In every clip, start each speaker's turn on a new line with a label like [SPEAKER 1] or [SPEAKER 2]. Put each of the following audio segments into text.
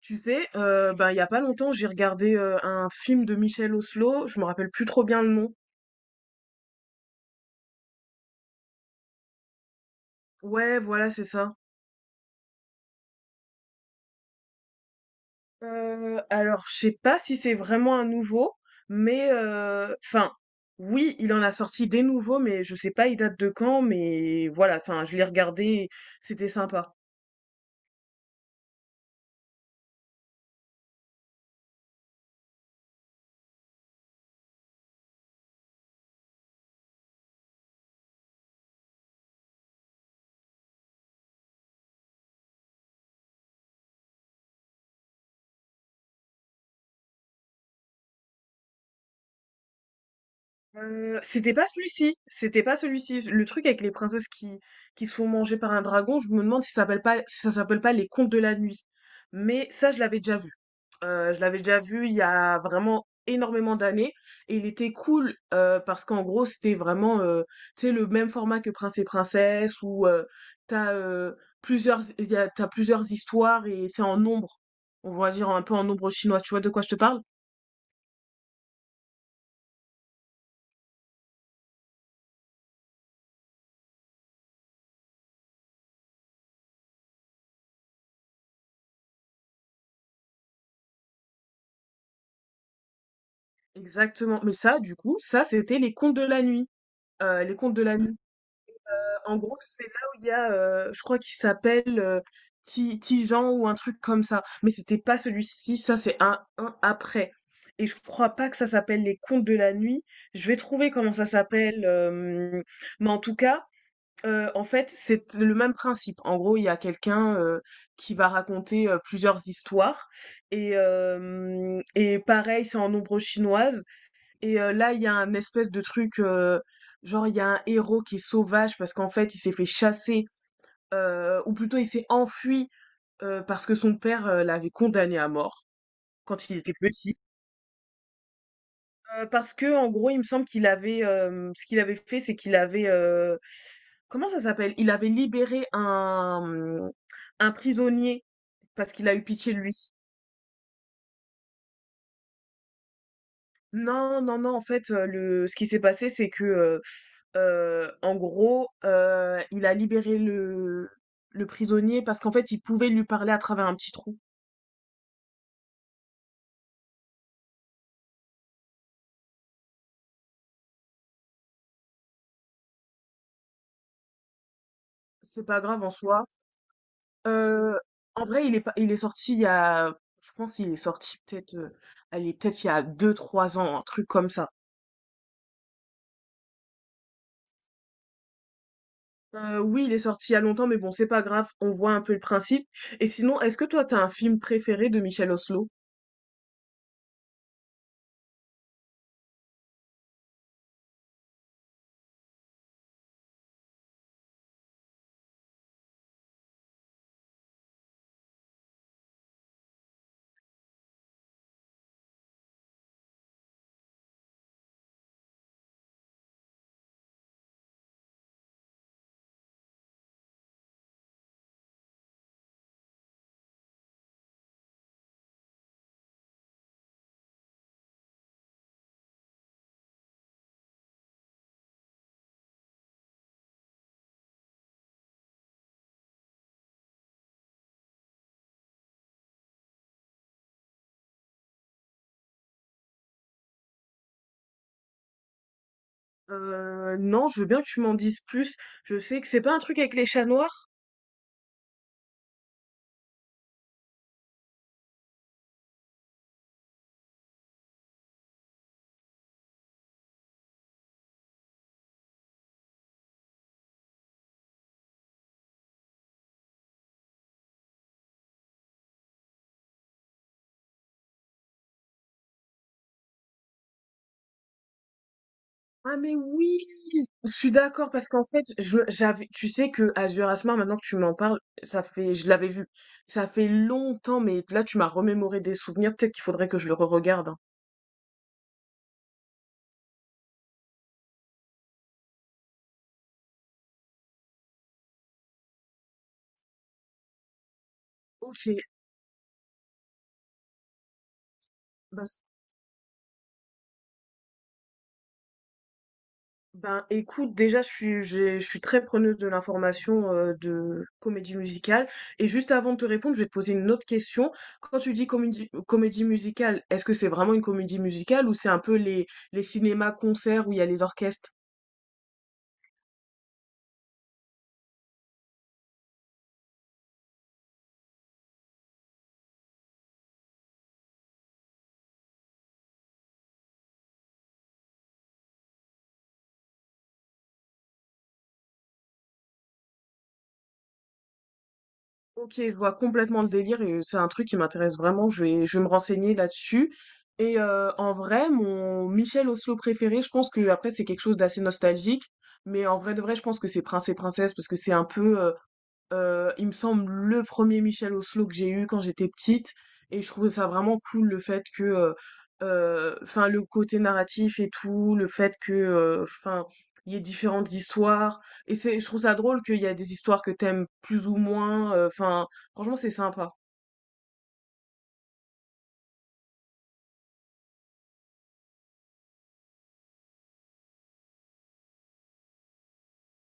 [SPEAKER 1] Tu sais, ben, il y a pas longtemps, j'ai regardé un film de Michel Oslo, je me rappelle plus trop bien le nom. Ouais, voilà, c'est ça. Alors, je sais pas si c'est vraiment un nouveau, mais enfin, oui, il en a sorti des nouveaux, mais je sais pas, il date de quand, mais voilà, enfin, je l'ai regardé, c'était sympa. C'était pas celui-ci, c'était pas celui-ci. Le truc avec les princesses qui se font manger par un dragon, je me demande si ça s'appelle pas, si ça s'appelle pas les Contes de la Nuit. Mais ça, je l'avais déjà vu. Je l'avais déjà vu il y a vraiment énormément d'années et il était cool parce qu'en gros c'était vraiment tu sais, le même format que Prince et Princesse où t'as plusieurs t'as plusieurs histoires et c'est en nombre, on va dire un peu en nombre chinois. Tu vois de quoi je te parle? Exactement, mais ça, du coup, ça c'était les Contes de la Nuit. Les Contes de la Nuit. En gros, c'est là où il y a, je crois qu'il s'appelle, Ti Tijan ou un truc comme ça, mais c'était pas celui-ci, ça c'est un après et je crois pas que ça s'appelle Les Contes de la Nuit. Je vais trouver comment ça s'appelle, mais en tout cas, en fait, c'est le même principe. En gros, il y a quelqu'un, qui va raconter, plusieurs histoires et hem et pareil, c'est en ombre chinoise et là, il y a un espèce de truc, genre il y a un héros qui est sauvage parce qu'en fait il s'est fait chasser, ou plutôt il s'est enfui, parce que son père, l'avait condamné à mort quand il était petit. Parce que, en gros, il me semble qu'il avait, ce qu'il avait fait, c'est qu'il avait, comment ça s'appelle? Il avait libéré un prisonnier parce qu'il a eu pitié de lui. Non, non, non, en fait, le ce qui s'est passé, c'est que, en gros, il a libéré le prisonnier parce qu'en fait, il pouvait lui parler à travers un petit trou. C'est pas grave en soi. Heu, En vrai, il est pas il est sorti il y a, je pense il est sorti peut-être, allez, peut-être il y a deux, trois ans, un truc comme ça. Oui, il est sorti il y a longtemps, mais bon, c'est pas grave, on voit un peu le principe. Et sinon, est-ce que toi, t'as un film préféré de Michel Oslo? Non, je veux bien que tu m'en dises plus. Je sais que c'est pas un truc avec les chats noirs? Ah mais oui! Je suis d'accord parce qu'en fait, je j'avais, tu sais, que Azur Asmar, maintenant que tu m'en parles, ça fait, je l'avais vu. Ça fait longtemps, mais là tu m'as remémoré des souvenirs, peut-être qu'il faudrait que je le re-regarde, hein. OK. Ben, c- ben, écoute, déjà je suis très preneuse de l'information de comédie musicale et juste avant de te répondre, je vais te poser une autre question. Quand tu dis comédie musicale, est-ce que c'est vraiment une comédie musicale ou c'est un peu les cinémas concerts où il y a les orchestres? OK, je vois complètement le délire et c'est un truc qui m'intéresse vraiment, je vais me renseigner là-dessus et en vrai, mon Michel Oslo préféré, je pense que, après, c'est quelque chose d'assez nostalgique, mais en vrai de vrai, je pense que c'est Prince et Princesse parce que c'est un peu, il me semble le premier Michel Oslo que j'ai eu quand j'étais petite et je trouvais ça vraiment cool, le fait que, enfin, le côté narratif et tout, le fait que, enfin, il y ait différentes histoires et c'est, je trouve ça drôle qu'il y a des histoires que t'aimes plus ou moins, enfin, franchement c'est sympa.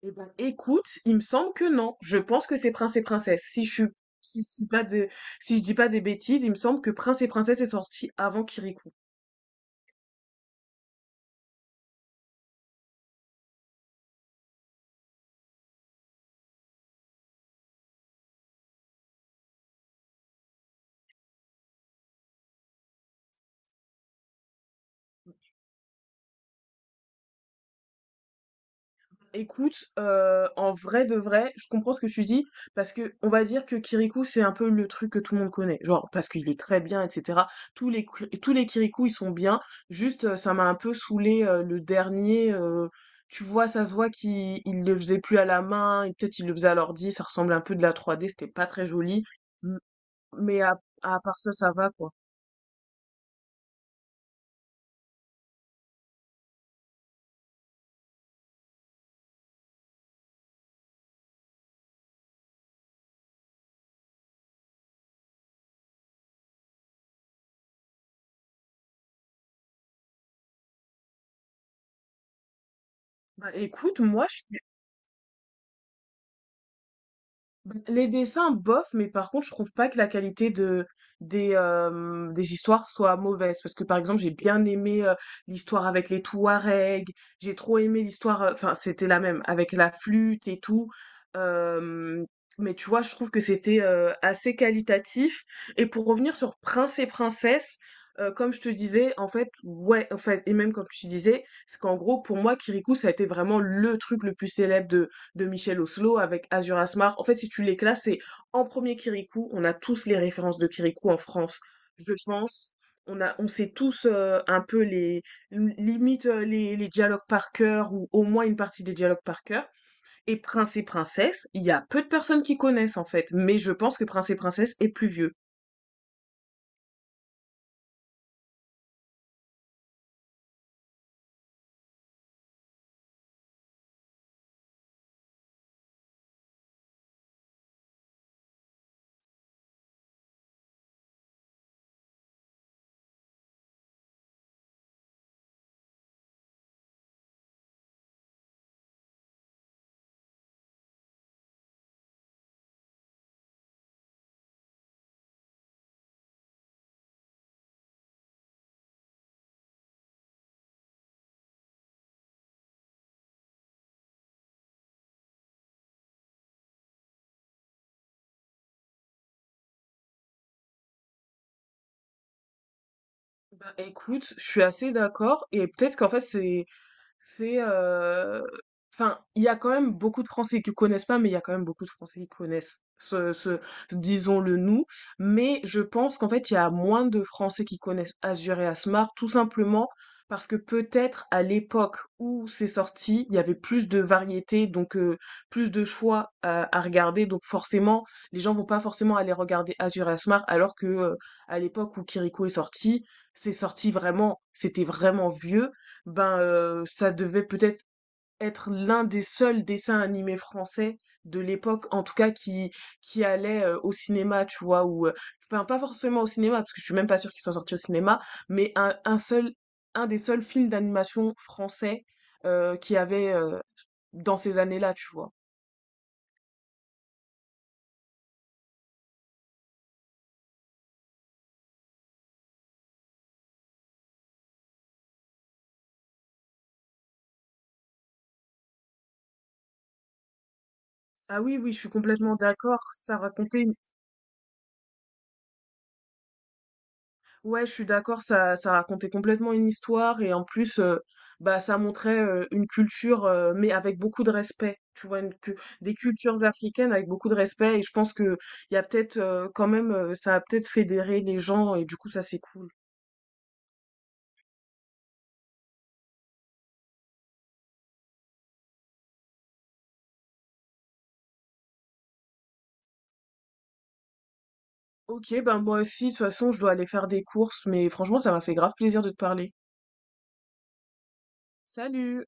[SPEAKER 1] Eh ben écoute, il me semble que non. Je pense que c'est Prince et Princesse. Si je dis pas de si je dis pas des bêtises, il me semble que Prince et Princesse est sorti avant Kirikou. Écoute, en vrai de vrai, je comprends ce que tu dis, parce que on va dire que Kirikou, c'est un peu le truc que tout le monde connaît. Genre, parce qu'il est très bien, et cetera. Tous les Kirikou, ils sont bien. Juste, ça m'a un peu saoulé, le dernier, tu vois, ça se voit qu'il il le faisait plus à la main et peut-être il le faisait à l'ordi, ça ressemble un peu de la 3D, c'était pas très joli. M Mais à part ça, ça va, quoi. Bah, écoute, moi, je… Bah, les dessins, bof, mais par contre, je trouve pas que la qualité de des histoires soit mauvaise, parce que par exemple, j'ai bien aimé l'histoire avec les Touaregs, j'ai trop aimé l'histoire, enfin, c'était la même avec la flûte et tout. euh, mais tu vois, je trouve que c'était assez qualitatif, et pour revenir sur Prince et Princesse, comme je te disais, en fait, ouais, en fait, et même comme tu disais, c'est qu'en gros, pour moi, Kirikou, ça a été vraiment le truc le plus célèbre de Michel Oslo avec Azur Asmar. En fait, si tu les classes, c'est en premier Kirikou. On a tous les références de Kirikou en France, je pense. On sait tous, un peu les dialogues par cœur, ou au moins une partie des dialogues par cœur. Et Prince et Princesse, il y a peu de personnes qui connaissent en fait, mais je pense que Prince et Princesse est plus vieux. Bah écoute, je suis assez d'accord et peut-être qu'en fait C'est, heu, enfin, il y a quand même beaucoup de Français qui connaissent pas, mais il y a quand même beaucoup de Français qui connaissent ce, disons-le nous, mais je pense qu'en fait, il y a moins de Français qui connaissent Asur et Asmar, tout simplement parce que peut-être à l'époque où c'est sorti, il y avait plus de variété, donc plus de choix à regarder, donc forcément, les gens vont pas forcément aller regarder Asur et Asmar, alors que, à l'époque où Kiriko est sorti, c'était vraiment vieux, ben ça devait peut-être être l'un des seuls dessins animés français de l'époque, en tout cas qui allait au cinéma, tu vois, ou enfin, pas forcément au cinéma parce que je suis même pas sûre qu'ils soient sortis au cinéma, mais un des seuls films d'animation français, qui avait, dans ces années-là, tu vois. Ah oui, oui, je suis complètement d'accord. Ça racontait… Ouais, je suis d'accord, ça racontait complètement une histoire et en plus, bah, ça montrait, une culture, mais avec beaucoup de respect. Tu vois, des cultures africaines avec beaucoup de respect, et je pense que il y a peut-être quand même, ça a peut-être fédéré les gens et du coup, ça c'est cool. Ok, ben moi aussi, de toute façon, je dois aller faire des courses, mais franchement, ça m'a fait grave plaisir de te parler. Salut!